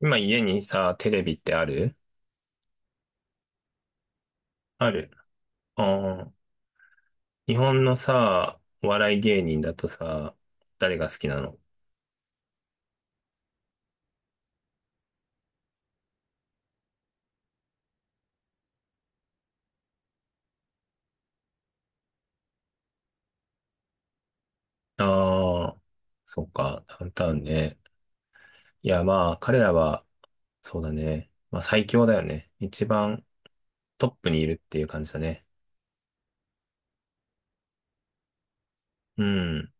今家にさ、テレビってある？ある。ああ。日本のさ、お笑い芸人だとさ、誰が好きなの？ああ、そっか、ダウンタウンね。いや、まあ、彼らは、そうだね。まあ、最強だよね。一番トップにいるっていう感じだね。うん、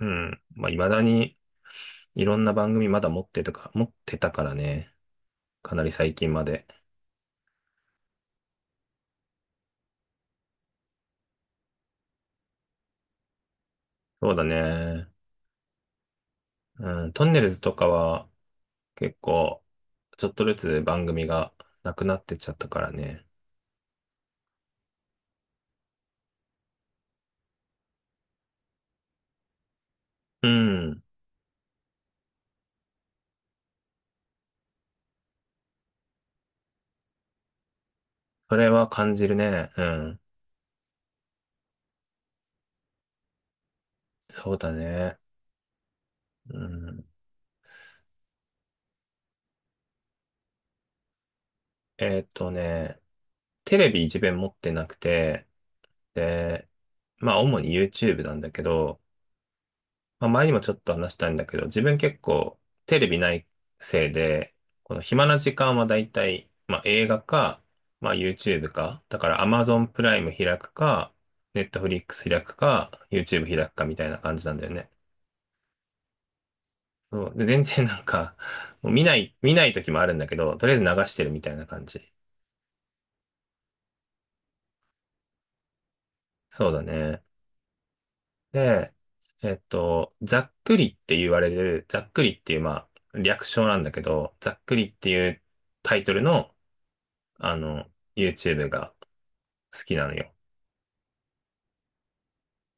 うん。まあ、未だに、いろんな番組まだ持ってとか、持ってたからね。かなり最近まで。そうだね。うん、トンネルズとかは、結構、ちょっとずつ番組がなくなってっちゃったからね。うん。それは感じるね。うん。そうだね。うん。えーっとね、テレビ一面持ってなくて、で、まあ主に YouTube なんだけど、まあ、前にもちょっと話したんだけど、自分結構テレビないせいで、この暇な時間はだいたい、まあ、映画か、まあ、YouTube か、だから Amazon プライム開くか、Netflix 開くか、YouTube 開くかみたいな感じなんだよね。そう。で、全然 なんか、もう見ない、見ない時もあるんだけど、とりあえず流してるみたいな感じ。そうだね。で、ざっくりっていう、まあ、略称なんだけど、ざっくりっていうタイトルのあの、YouTube が好きなのよ。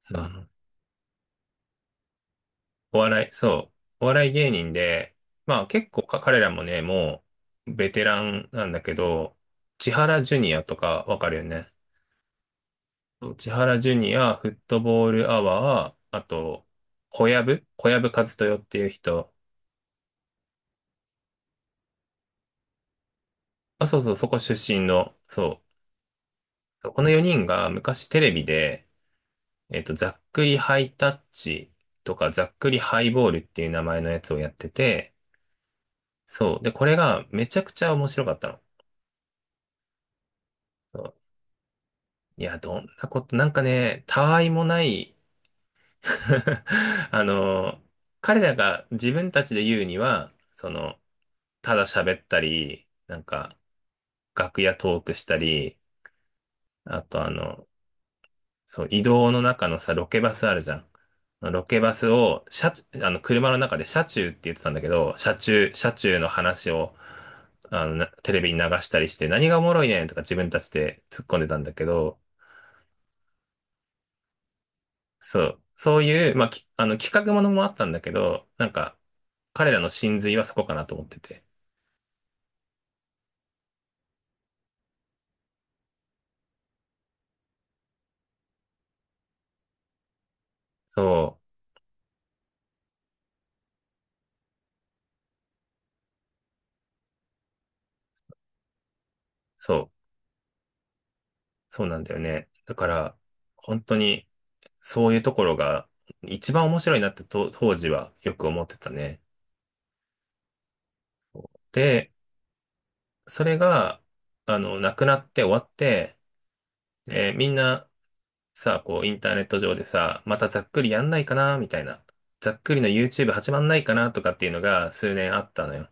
そう、お笑い、そう、お笑い芸人で、まあ結構か彼らもね、もうベテランなんだけど、千原ジュニアとかわかるよね。そう千原ジュニア、フットボールアワー、あと、小籔和豊っていう人。あ、そうそう、そこ出身の、そう。この4人が昔テレビで、ざっくりハイタッチとか、ざっくりハイボールっていう名前のやつをやってて、そう。で、これがめちゃくちゃ面白かったの。そう。いや、どんなこと、なんかね、たわいもない あの、彼らが自分たちで言うには、その、ただ喋ったり、なんか、楽屋トークしたり、あとそう、移動の中のさ、ロケバスあるじゃん。ロケバスを、車中、車の中で車中って言ってたんだけど、車中の話を、なテレビに流したりして、何がおもろいねんとか自分たちで突っ込んでたんだけど、そう、そういう、まあ、き、あの、企画ものもあったんだけど、なんか、彼らの真髄はそこかなと思ってて。そう、そう、そうなんだよね。だから、本当に、そういうところが、一番面白いなってと当時はよく思ってたね。で、それが、なくなって終わって、みんなさあ、インターネット上でさ、またざっくりやんないかな、みたいな。ざっくりの YouTube 始まんないかな、とかっていうのが数年あったのよ。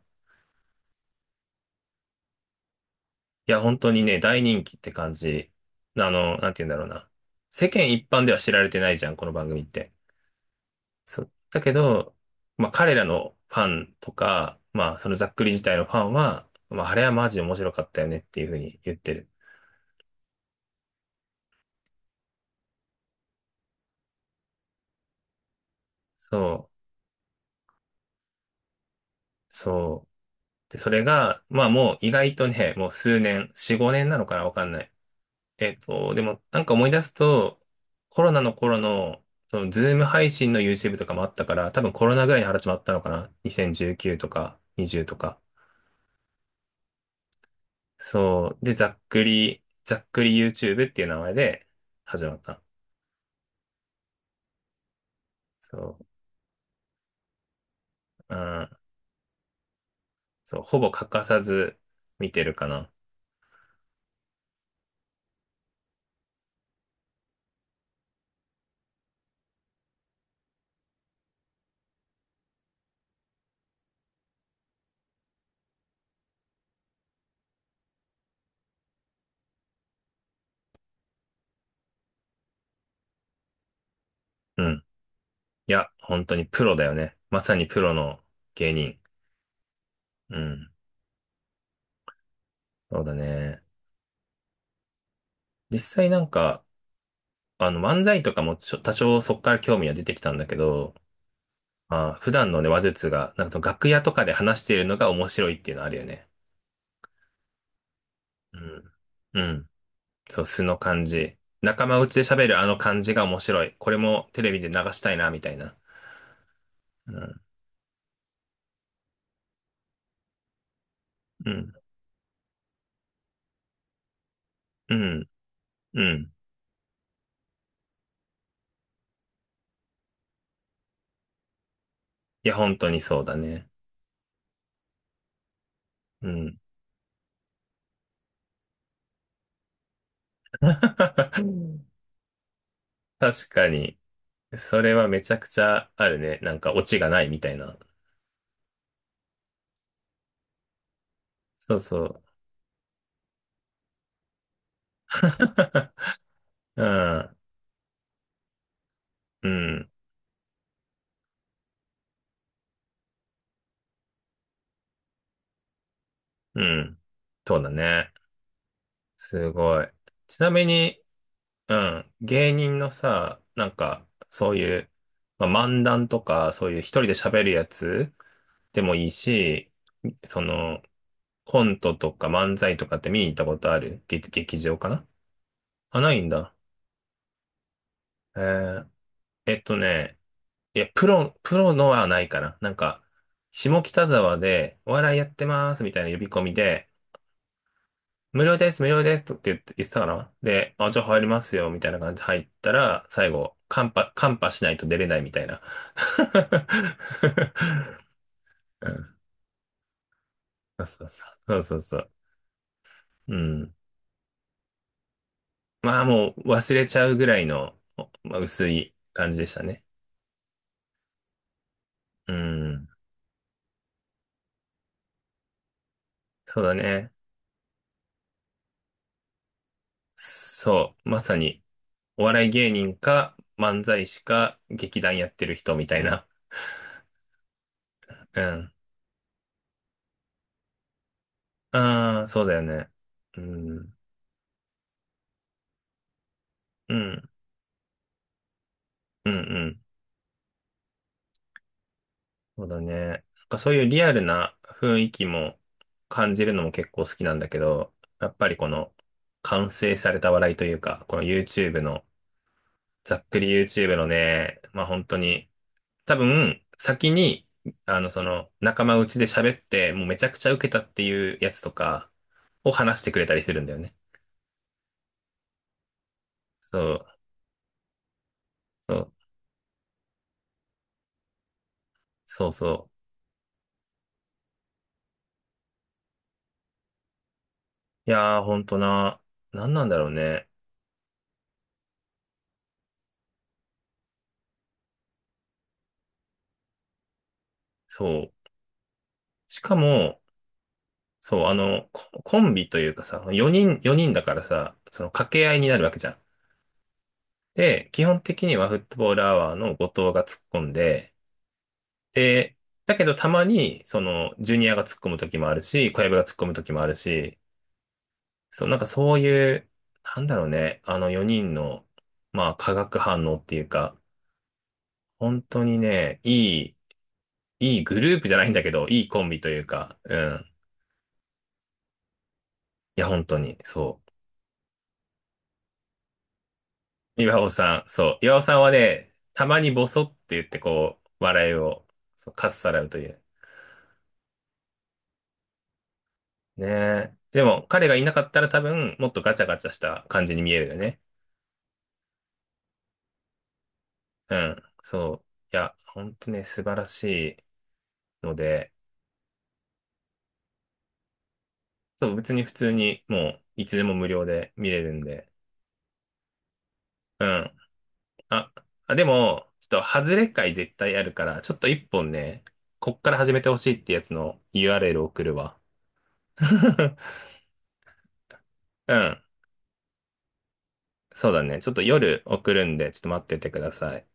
いや、本当にね、大人気って感じ。なんて言うんだろうな。世間一般では知られてないじゃん、この番組って。そう。だけど、まあ、彼らのファンとか、まあ、そのざっくり自体のファンは、まあ、あれはマジで面白かったよねっていうふうに言ってる。そう。そう。で、それが、まあもう意外とね、もう数年、4、5年なのかなわかんない。でもなんか思い出すと、コロナの頃の、そのズーム配信の YouTube とかもあったから、多分コロナぐらいに始まったのかな？ 2019 とか20とか。そう。で、ざっくり YouTube っていう名前で始まった。そう。うん。そう。ほぼ欠かさず見てるかな。うん。いや、本当にプロだよね。まさにプロの芸人。うん。そうだね。実際なんか、漫才とかも多少そこから興味は出てきたんだけど、まあ、普段のね、話術が、なんかその楽屋とかで話しているのが面白いっていうのあるよね。うん。うん。そう、素の感じ。仲間内で喋るあの感じが面白い。これもテレビで流したいな、みたいな。うん。うん。うん。うん。いや、本当にそうだね。うん。確かに。それはめちゃくちゃあるね。なんかオチがないみたいな。そうそう。うん。うん。うん。そうだね。すごい。ちなみに、うん。芸人のさ、なんか、そういう、まあ、漫談とか、そういう一人で喋るやつでもいいし、その、コントとか漫才とかって見に行ったことある？劇場かな？あ、ないんだ。えーね、いや、プロのはないかな。なんか、下北沢でお笑いやってますみたいな呼び込みで、無料です、無料ですとって言ってたかなで、あ、じゃあ入りますよ、みたいな感じで入ったら、最後、カンパしないと出れないみたいな。うん。そうそうそう。そうそうそう。うん。まあもう忘れちゃうぐらいの、まあ、薄い感じでしたね。うん。そうだね。そう。まさに、お笑い芸人か、漫才師か、劇団やってる人みたいな。うん。ああ、そうだよね。うん。うん。うんうん、そうだね。なんかそういうリアルな雰囲気も感じるのも結構好きなんだけど、やっぱりこの完成された笑いというか、この YouTube の、ざっくり YouTube のね、まあ本当に、多分先に、その仲間内で喋って、もうめちゃくちゃ受けたっていうやつとかを話してくれたりするんだよね。そう、そう、そうそう。いやー、本当な、なんなんだろうね。そう。しかも、そう、コンビというかさ、4人だからさ、その掛け合いになるわけじゃん。で、基本的にはフットボールアワーの後藤が突っ込んで、で、だけどたまに、その、ジュニアが突っ込む時もあるし、小籔が突っ込む時もあるし、そう、なんかそういう、なんだろうね、あの4人の、まあ、化学反応っていうか、本当にね、いいグループじゃないんだけど、いいコンビというか、うん。いや、本当に、そう。岩尾さん、そう。岩尾さんはね、たまにボソって言って笑いを、そう、かっさらうという。ねえ。でも、彼がいなかったら多分、もっとガチャガチャした感じに見えるよね。うん。そう。いや、ほんとね、素晴らしいので、そう、別に普通にもう、いつでも無料で見れるんで。うん。あ、あ、でも、ちょっと、外れ回絶対あるから、ちょっと一本ね、こっから始めてほしいってやつの URL 送るわ。うん。そうだね。ちょっと夜送るんで、ちょっと待っててください。